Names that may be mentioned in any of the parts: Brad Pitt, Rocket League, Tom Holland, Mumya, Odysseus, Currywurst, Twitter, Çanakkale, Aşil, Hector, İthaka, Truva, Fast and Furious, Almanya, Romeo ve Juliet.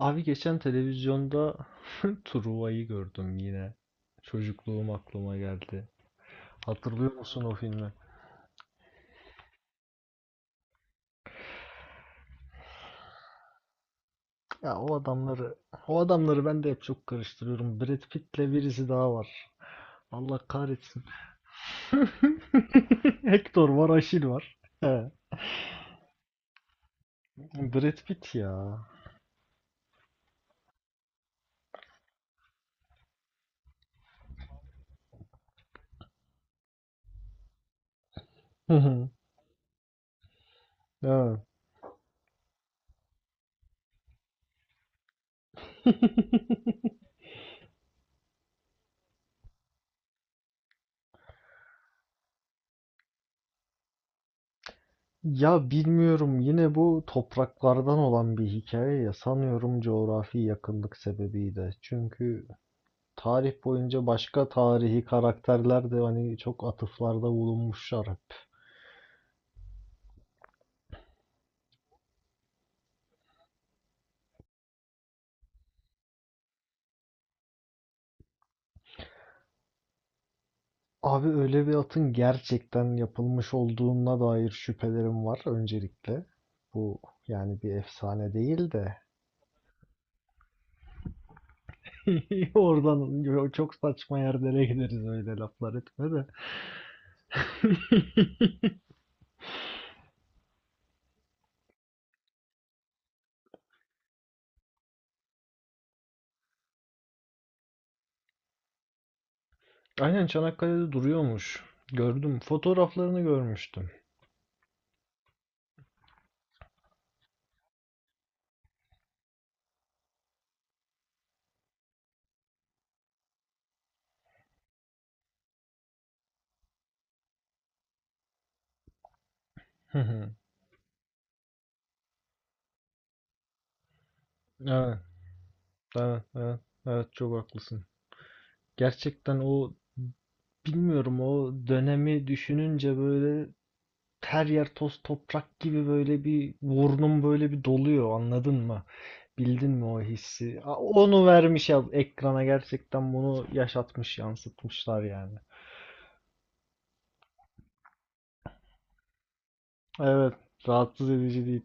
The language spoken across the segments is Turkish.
Abi geçen televizyonda Truva'yı gördüm yine. Çocukluğum aklıma geldi. Hatırlıyor musun o filmi? Ya o adamları ben de hep çok karıştırıyorum. Brad Pitt'le birisi daha var. Allah kahretsin. Hector var, Aşil var. He. Brad Pitt ya. Evet. Ya bilmiyorum, yine bu topraklardan olan bir hikaye ya, sanıyorum coğrafi yakınlık sebebiyle. Çünkü tarih boyunca başka tarihi karakterler de hani çok atıflarda bulunmuşlar hep. Abi öyle bir atın gerçekten yapılmış olduğuna dair şüphelerim var öncelikle. Bu, yani bir efsane değil de. Oradan çok saçma yerlere gideriz, öyle laflar etme de. Aynen, Çanakkale'de duruyormuş. Gördüm. Fotoğraflarını görmüştüm. Evet, evet, evet, evet, çok haklısın. Gerçekten o Bilmiyorum, o dönemi düşününce böyle her yer toz toprak gibi, böyle bir burnum böyle bir doluyor, anladın mı? Bildin mi o hissi? Onu vermiş ya ekrana, gerçekten bunu yaşatmış, yansıtmışlar yani. Evet, rahatsız edici değil.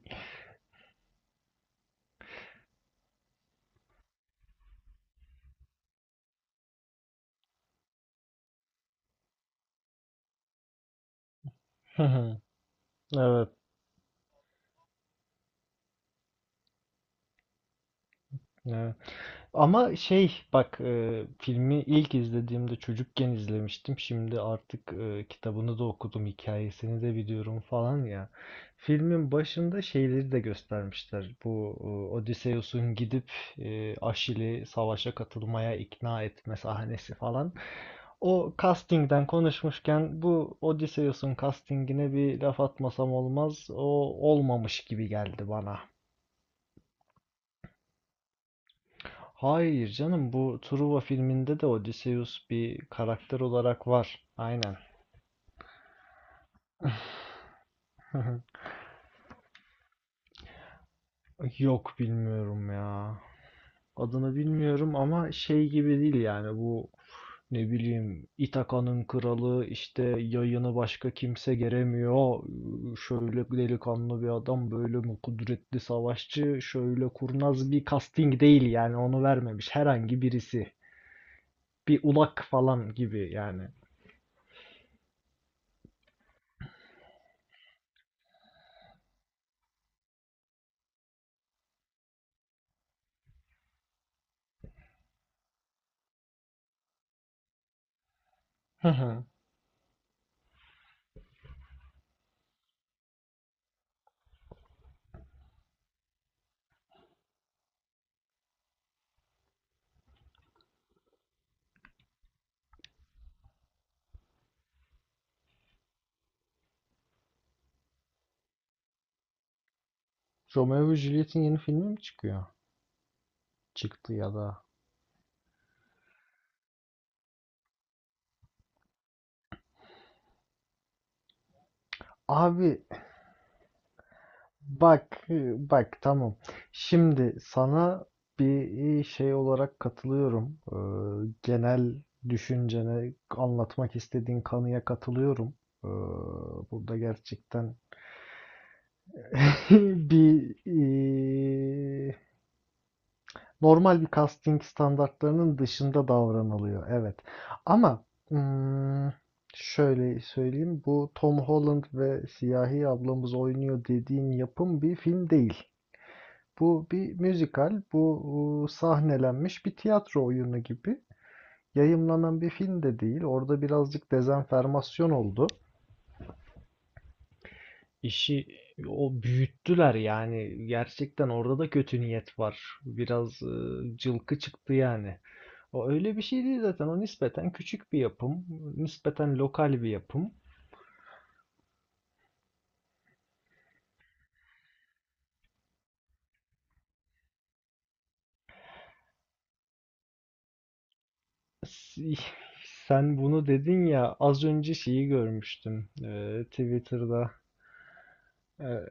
Evet, evet. Ama şey bak, filmi ilk izlediğimde çocukken izlemiştim. Şimdi artık kitabını da okudum, hikayesini de biliyorum falan ya. Filmin başında şeyleri de göstermişler. Bu Odysseus'un gidip Aşil'i savaşa katılmaya ikna etme sahnesi falan. O castingden konuşmuşken bu Odysseus'un castingine bir laf atmasam olmaz. O olmamış gibi geldi bana. Hayır canım, bu Truva filminde de Odysseus bir karakter olarak var. Aynen. Yok, bilmiyorum ya. Adını bilmiyorum ama şey gibi değil yani, bu ne bileyim, İthaka'nın kralı, işte yayını başka kimse geremiyor. Şöyle delikanlı bir adam, böyle mi kudretli savaşçı, şöyle kurnaz bir casting değil yani, onu vermemiş herhangi birisi. Bir ulak falan gibi yani. Romeo ve Juliet'in yeni filmi mi çıkıyor? Çıktı ya da. Abi, bak bak, tamam. Şimdi sana bir şey olarak katılıyorum. Genel düşüncene, anlatmak istediğin kanıya katılıyorum. Ee, burada gerçekten bir normal bir casting standartlarının dışında davranılıyor. Evet. Ama ım, şöyle söyleyeyim. Bu Tom Holland ve Siyahi ablamız oynuyor dediğin yapım bir film değil. Bu bir müzikal. Bu sahnelenmiş bir tiyatro oyunu gibi. Yayımlanan bir film de değil. Orada birazcık dezenformasyon oldu. İşi o büyüttüler yani. Gerçekten orada da kötü niyet var. Biraz cılkı çıktı yani. O öyle bir şey değil zaten. O nispeten küçük bir yapım. Nispeten lokal bir yapım. Si- Sen bunu dedin ya, az önce şeyi görmüştüm, Twitter'da. Eee,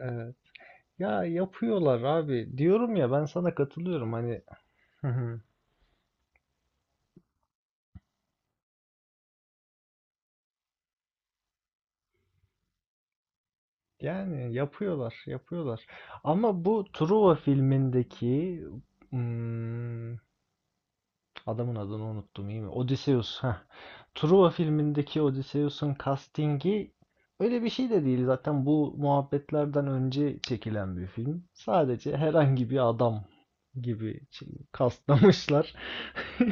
eee, ya yapıyorlar abi. Diyorum ya, ben sana katılıyorum hani. Yani yapıyorlar, yapıyorlar. Ama bu Truva filmindeki, hmm, adamın adını unuttum, iyi mi? Odysseus. Heh. Truva filmindeki Odysseus'un castingi öyle bir şey de değil. Zaten bu muhabbetlerden önce çekilen bir film. Sadece herhangi bir adam gibi kastlamışlar.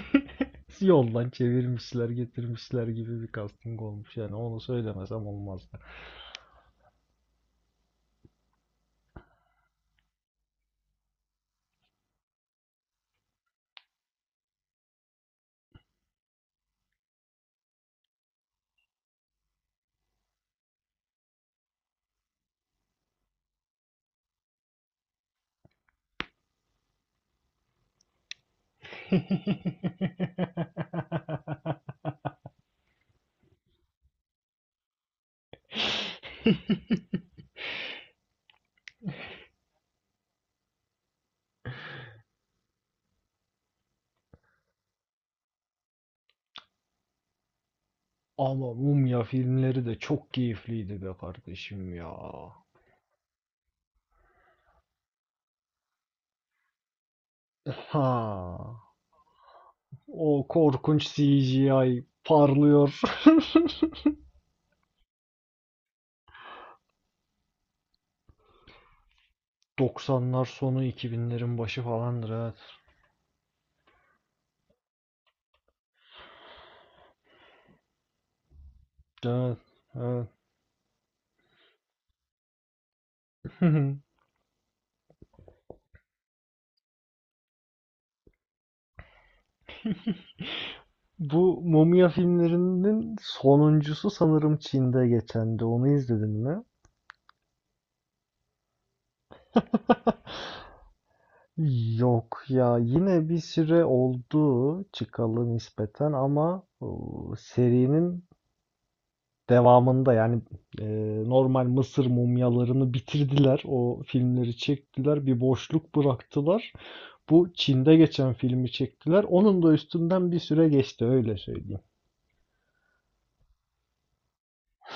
Yoldan çevirmişler, getirmişler gibi bir casting olmuş. Yani onu söylemesem olmazdı. Ama Mumya filmleri de çok keyifliydi be kardeşim ya. Ha. O korkunç CGI parlıyor. 90'lar sonu 2000'lerin başı falandır, evet. Evet, evet. Bu mumya filmlerinin sonuncusu sanırım Çin'de geçendi. Onu izledin mi? Yok ya, yine bir süre oldu çıkalı nispeten ama o, serinin devamında yani e, normal Mısır mumyalarını bitirdiler. O filmleri çektiler. Bir boşluk bıraktılar. Bu Çin'de geçen filmi çektiler. Onun da üstünden bir süre geçti, öyle söyleyeyim.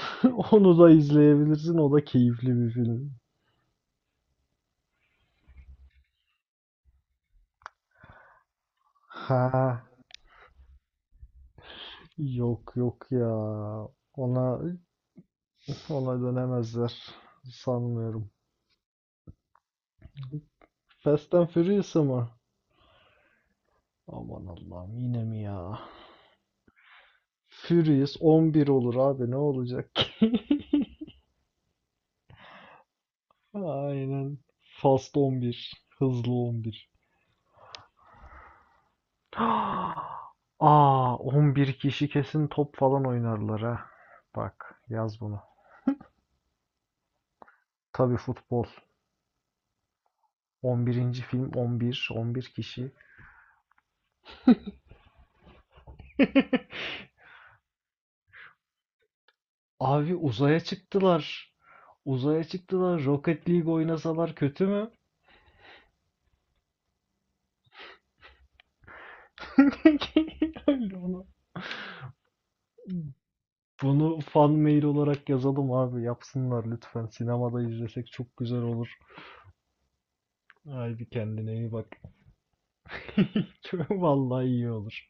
Onu da izleyebilirsin. O da keyifli bir film. Ha, yok yok ya. Ona ona dönemezler. Sanmıyorum. Fast and Furious'a mı? Aman Allah'ım, yine mi ya? Furious 11 olur abi, ne olacak ki? Aynen. Fast 11. Hızlı 11. Aa, 11 kişi kesin top falan oynarlar ha. Bak, yaz bunu. Tabii, futbol. 11. film, 11. 11 kişi. Abi uzaya çıktılar. Uzaya çıktılar. Rocket League oynasalar kötü mü? Öyle ona. Bunu fan mail olarak yazalım abi. Yapsınlar lütfen. Sinemada izlesek çok güzel olur. Haydi kendine iyi bak. Vallahi iyi olur.